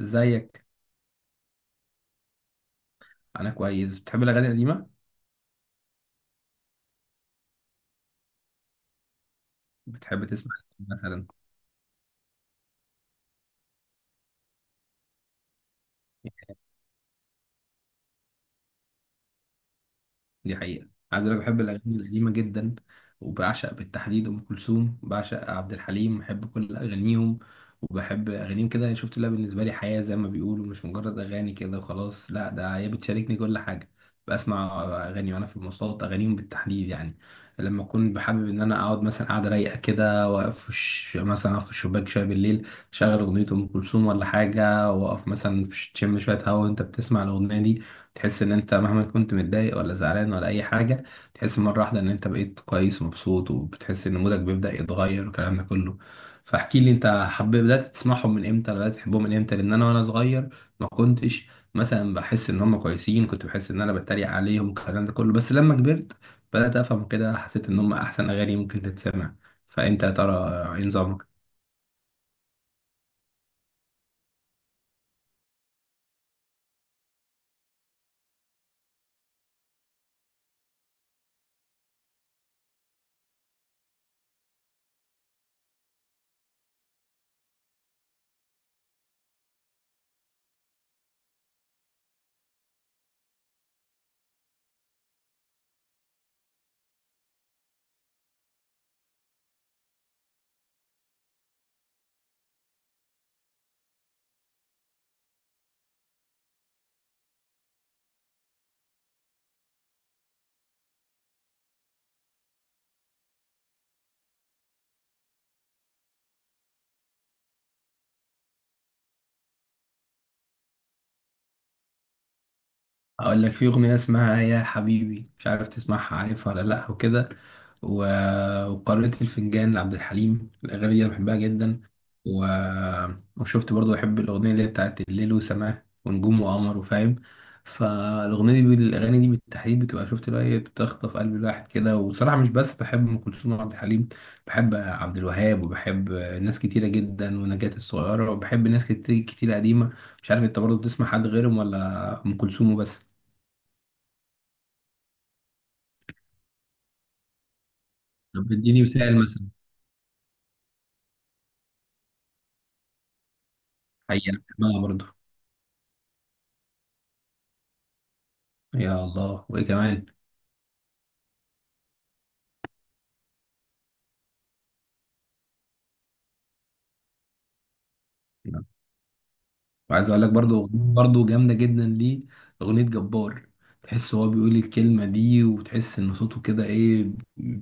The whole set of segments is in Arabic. ازيك؟ انا كويس. بتحب الاغاني القديمه؟ بتحب تسمع إيه مثلا؟ دي حقيقة، عايز اقول لك بحب الاغاني القديمة جدا، وبعشق بالتحديد ام كلثوم، بعشق عبد الحليم، بحب كل اغانيهم. وبحب اغانيهم كده، شفت، لها بالنسبة لي حياة زي ما بيقولوا، مش مجرد اغاني كده وخلاص، لا ده هي بتشاركني كل حاجة. بسمع اغاني وانا في المواصلات، اغانيهم بالتحديد يعني. لما اكون بحابب ان انا اقعد مثلا، قاعده رايقه كده، واقف في مثلا اقف في الشباك شويه بالليل، شغل اغنيه ام كلثوم ولا حاجه، واقف مثلا في تشم شويه هوا وانت بتسمع الاغنيه دي، تحس ان انت مهما كنت متضايق ولا زعلان ولا اي حاجه، تحس مره واحده ان انت بقيت كويس ومبسوط، وبتحس ان مودك بيبدا يتغير والكلام ده كله. فاحكي لي انت حبيت، بدات تسمعهم من امتى؟ ولا بدات تحبهم من امتى؟ لان انا وانا صغير ما كنتش مثلا بحس ان هم كويسين، كنت بحس ان انا بتريق عليهم والكلام ده كله، بس لما كبرت بدات افهم كده، حسيت ان هم احسن اغاني ممكن تتسمع. فانت يا ترى ايه نظامك؟ اقول لك في اغنيه اسمها يا حبيبي، مش عارف تسمعها، عارفها ولا لا وكده؟ و... وقارئة الفنجان لعبد الحليم، الاغاني دي انا بحبها جدا. و... وشفت برضو بحب الاغنيه اللي هي بتاعت الليل وسماه ونجوم وقمر، وفاهم فالاغنيه دي الاغاني دي بالتحديد بتبقى، شفت اللي هي بتخطف قلب الواحد كده. وصراحه مش بس بحب ام كلثوم وعبد الحليم، بحب عبد الوهاب وبحب ناس كتيره جدا ونجاة الصغيره، وبحب ناس كتير كتير قديمه. مش عارف انت برضو بتسمع حد غيرهم ولا ام كلثوم وبس؟ طب اديني مثال مثلا. حقيقة بحبها برضه. يا الله، وايه كمان؟ وعايز اقول لك برضو أغنية برضو جامده جدا ليه، اغنيه جبار. تحس هو بيقول الكلمه دي، وتحس ان صوته كده ايه؟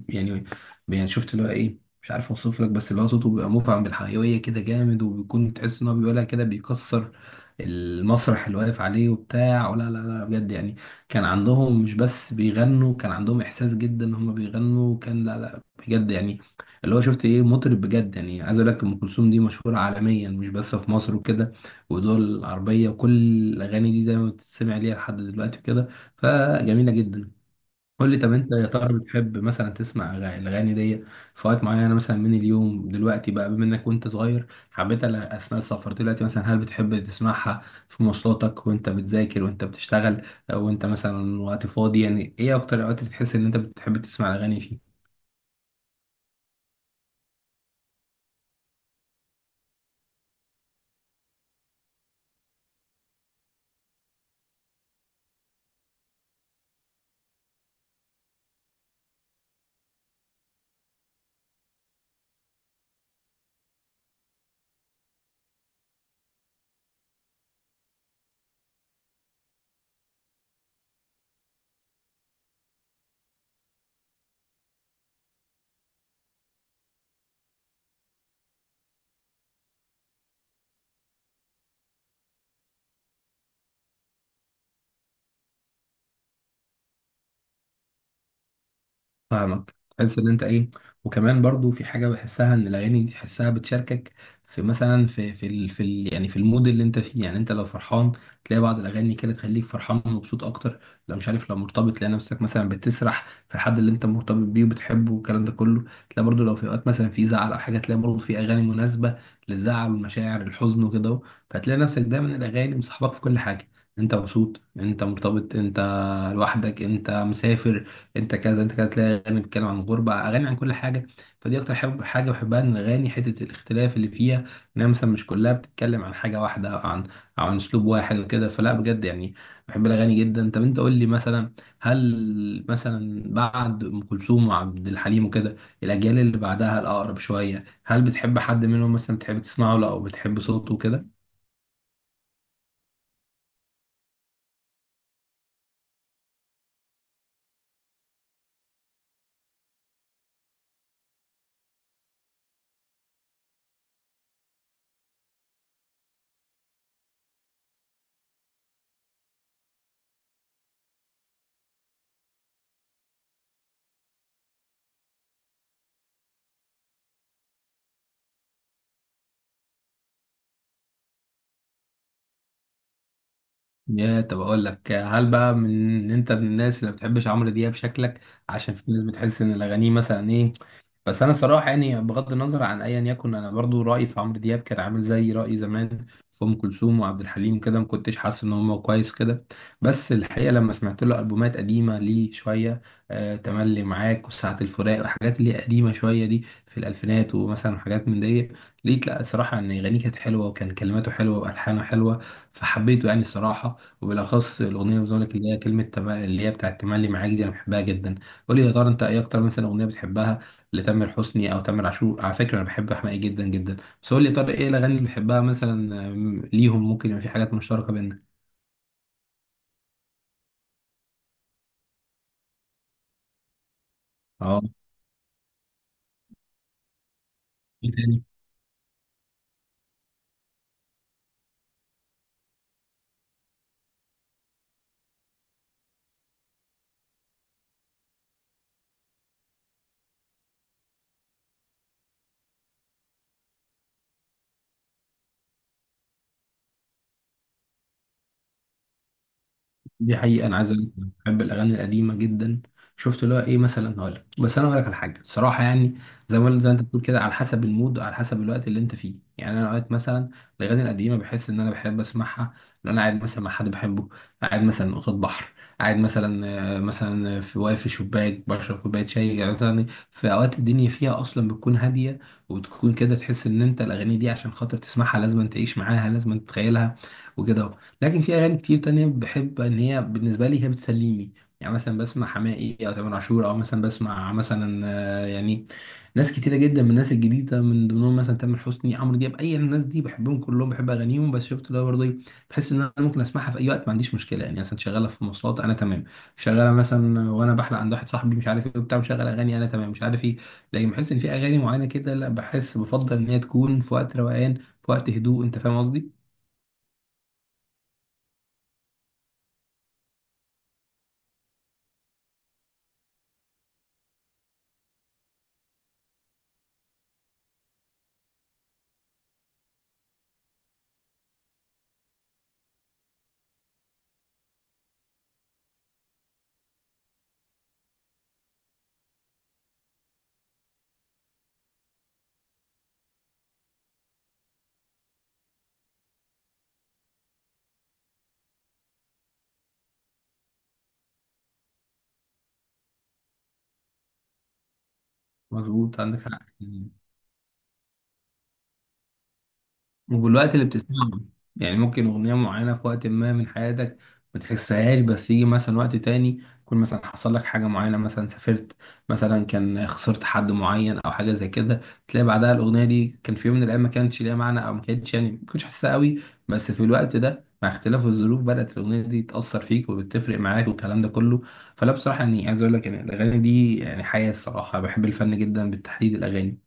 يعني يعني شفت اللي هو ايه، مش عارف اوصف لك، بس اللي هو صوته بيبقى مفعم بالحيويه كده جامد، وبيكون تحس ان هو بيقولها كده بيكسر المسرح اللي واقف عليه وبتاع. ولا لا لا، بجد يعني. كان عندهم مش بس بيغنوا، كان عندهم احساس جدا ان هم بيغنوا. كان لا لا، بجد يعني. اللي هو شفت ايه، مطرب بجد يعني. عايز اقول لك ام كلثوم دي مشهوره عالميا، مش بس في مصر وكده، ودول العربية وكل، الأغاني دي دايما بتتسمع ليها لحد دلوقتي وكده، فجميلة جدا. قول لي، طب أنت يا ترى بتحب مثلا تسمع الأغاني دي في وقت معين مثلا من اليوم؟ دلوقتي بقى، بما إنك وأنت صغير حبيتها أثناء السفر، دلوقتي مثلا هل بتحب تسمعها في مواصلاتك وأنت بتذاكر، وأنت بتشتغل، وأنت مثلا وقت فاضي؟ يعني إيه أكتر الأوقات اللي بتحس إن أنت بتحب تسمع الأغاني فيه؟ فاهمك، تحس ان انت ايه. وكمان برضو في حاجه بحسها ان الاغاني دي تحسها بتشاركك في، مثلا في ال يعني في المود اللي انت فيه. يعني انت لو فرحان تلاقي بعض الاغاني كده تخليك فرحان ومبسوط اكتر. لو مش عارف، لو مرتبط تلاقي نفسك مثلا بتسرح في الحد اللي انت مرتبط بيه وبتحبه والكلام ده كله. تلاقي برضو لو في اوقات مثلا في زعل او حاجه، تلاقي برضو في اغاني مناسبه للزعل والمشاعر الحزن وكده اهو. فتلاقي نفسك دايما الاغاني مصاحبك في كل حاجه. انت مبسوط، انت مرتبط، انت لوحدك، انت مسافر، انت كذا انت كذا، تلاقي اغاني بتتكلم عن الغربه، اغاني عن كل حاجه. فدي اكتر حب حاجه بحبها ان الاغاني حته الاختلاف اللي فيها، انها مثلا مش كلها بتتكلم عن حاجه واحده، او عن او عن اسلوب واحد وكده. فلا بجد يعني، بحب الاغاني جدا. طب انت قول لي مثلا، هل مثلا بعد ام كلثوم وعبد الحليم وكده الاجيال اللي بعدها الاقرب شويه، هل بتحب حد منهم مثلا، بتحب تسمعه له او بتحب صوته كده؟ يا طب اقول لك، هل بقى من انت من الناس اللي ما بتحبش عمرو دياب؟ شكلك، عشان في ناس بتحس ان الاغاني مثلا ايه. بس انا صراحه يعني بغض النظر عن ايا يكن، انا برضو رايي في عمرو دياب كان عامل زي رايي زمان في ام كلثوم وعبد الحليم كده، ما كنتش حاسس ان هو كويس كده. بس الحقيقه لما سمعت له البومات قديمه ليه شويه، آه تملي معاك وساعه الفراق والحاجات اللي هي قديمه شويه دي في الالفينات ومثلا حاجات من دي، لقيت لا الصراحه ان اغانيه كانت حلوه، وكان كلماته حلوه، والحانه حلوه. فحبيته يعني الصراحه، وبالاخص الاغنيه اللي بقول لك اللي هي كلمه اللي هي بتاعت تملي معاك دي، انا بحبها جدا. قول لي يا ترى انت ايه اكتر مثلا اغنيه بتحبها لتامر حسني او تامر عاشور؟ على فكره انا بحب حماقي جدا جدا. بس قول لي يا طارق، ايه الاغاني اللي بتحبها مثلا؟ ليهم ممكن يبقى في حاجات مشتركه بيننا. اه، دي حقيقة أنا عايز أقول لك أنا بحب الأغاني القديمة جدا. شفت اللي هو إيه؟ مثلا هقول لك، بس أنا هقول لك على حاجة الصراحة يعني. زي ما زي ما أنت بتقول كده، على حسب المود، على حسب الوقت اللي أنت فيه. يعني أنا أوقات مثلا الأغاني القديمة بحس إن أنا بحب أسمعها لأن أنا قاعد مثلا مع حد بحبه، قاعد مثلا قصاد بحر، قاعد مثلا مثلا في، واقف في شباك بشرب كوباية شاي يعني مثلا، في أوقات الدنيا فيها أصلا بتكون هادية، وبتكون كده تحس إن أنت الأغاني دي عشان خاطر تسمعها لازم تعيش معاها، لازم تتخيلها وكده. لكن في اغاني كتير تانية بحب ان هي بالنسبه لي هي بتسليني. يعني مثلا بسمع حماقي او تامر عاشور، او مثلا بسمع مثلا آه، يعني ناس كتيره جدا من الناس الجديده، من ضمنهم مثلا تامر حسني، عمرو دياب، اي الناس دي بحبهم كلهم، بحب اغانيهم. بس شفت اللي هو برضه إيه، بحس ان انا ممكن اسمعها في اي وقت، ما عنديش مشكله. يعني مثلا شغاله في مواصلات انا تمام، شغاله مثلا وانا بحلق عند واحد صاحبي مش عارف ايه وبتاع مشغل اغاني انا تمام مش عارف ايه. لكن بحس ان في اغاني معينه كده لا، بحس بفضل ان هي تكون في وقت روقان، في وقت هدوء. انت فاهم قصدي؟ مظبوط، عندك حق. والوقت اللي بتسمعه. يعني ممكن أغنية معينة في وقت ما من حياتك ما تحسهاش، بس يجي مثلا وقت تاني يكون مثلا حصل لك حاجة معينة، مثلا سافرت، مثلا كان خسرت حد معين أو حاجة زي كده، تلاقي بعدها الأغنية دي كان في يوم من الأيام ما كانتش ليها معنى، أو ما كانتش يعني ما كنتش حاسسها قوي، بس في الوقت ده مع اختلاف الظروف بدأت الأغنية دي تأثر فيك وبتفرق معاك والكلام ده كله. فلا بصراحة يعني عايز أقول لك إن الأغاني دي يعني حياة الصراحة. بحب الفن جدا، بالتحديد الأغاني.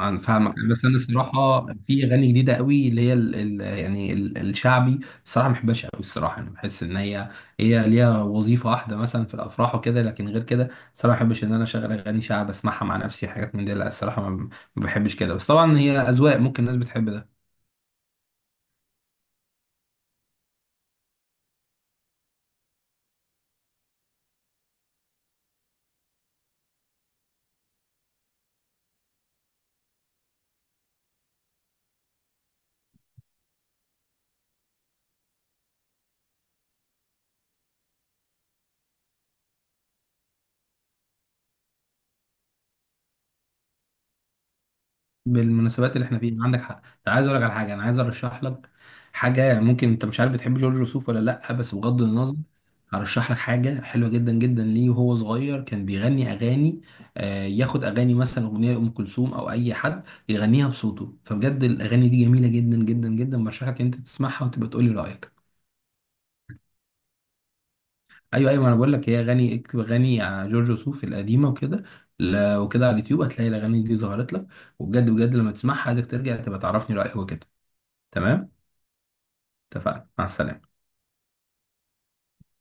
انا فاهمك، بس انا الصراحه في اغاني جديده قوي اللي هي ال يعني ال الشعبي، الصراحه ما بحبهاش قوي. الصراحه انا بحس ان هي، هي ليها وظيفه واحده مثلا في الافراح وكده، لكن غير كده الصراحه ما بحبش ان انا اشغل اغاني شعب، اسمعها مع نفسي، حاجات من دي لا، الصراحه ما بحبش كده. بس طبعا هي اذواق، ممكن الناس بتحب ده. بالمناسبات اللي احنا فيها عندك حق. انت، عايز اقول لك على حاجه، انا عايز ارشح لك حاجه. ممكن انت مش عارف، بتحب جورج وسوف ولا لا؟ بس بغض النظر، هرشح لك حاجه حلوه جدا جدا ليه. وهو صغير كان بيغني اغاني، آه ياخد اغاني مثلا اغنيه لام كلثوم او اي حد، يغنيها بصوته. فبجد الاغاني دي جميله جدا جدا جدا، برشح لك انت تسمعها وتبقى تقول لي رايك. ايوه ايوه، ما انا بقول لك هي اغاني، اكتب اغاني جورج وسوف القديمه وكده، وكده على اليوتيوب هتلاقي الاغاني دي ظهرت لك. وبجد بجد لما تسمعها عايزك ترجع تبقى تعرفني رايك وكده. تمام، اتفقنا، مع السلامة.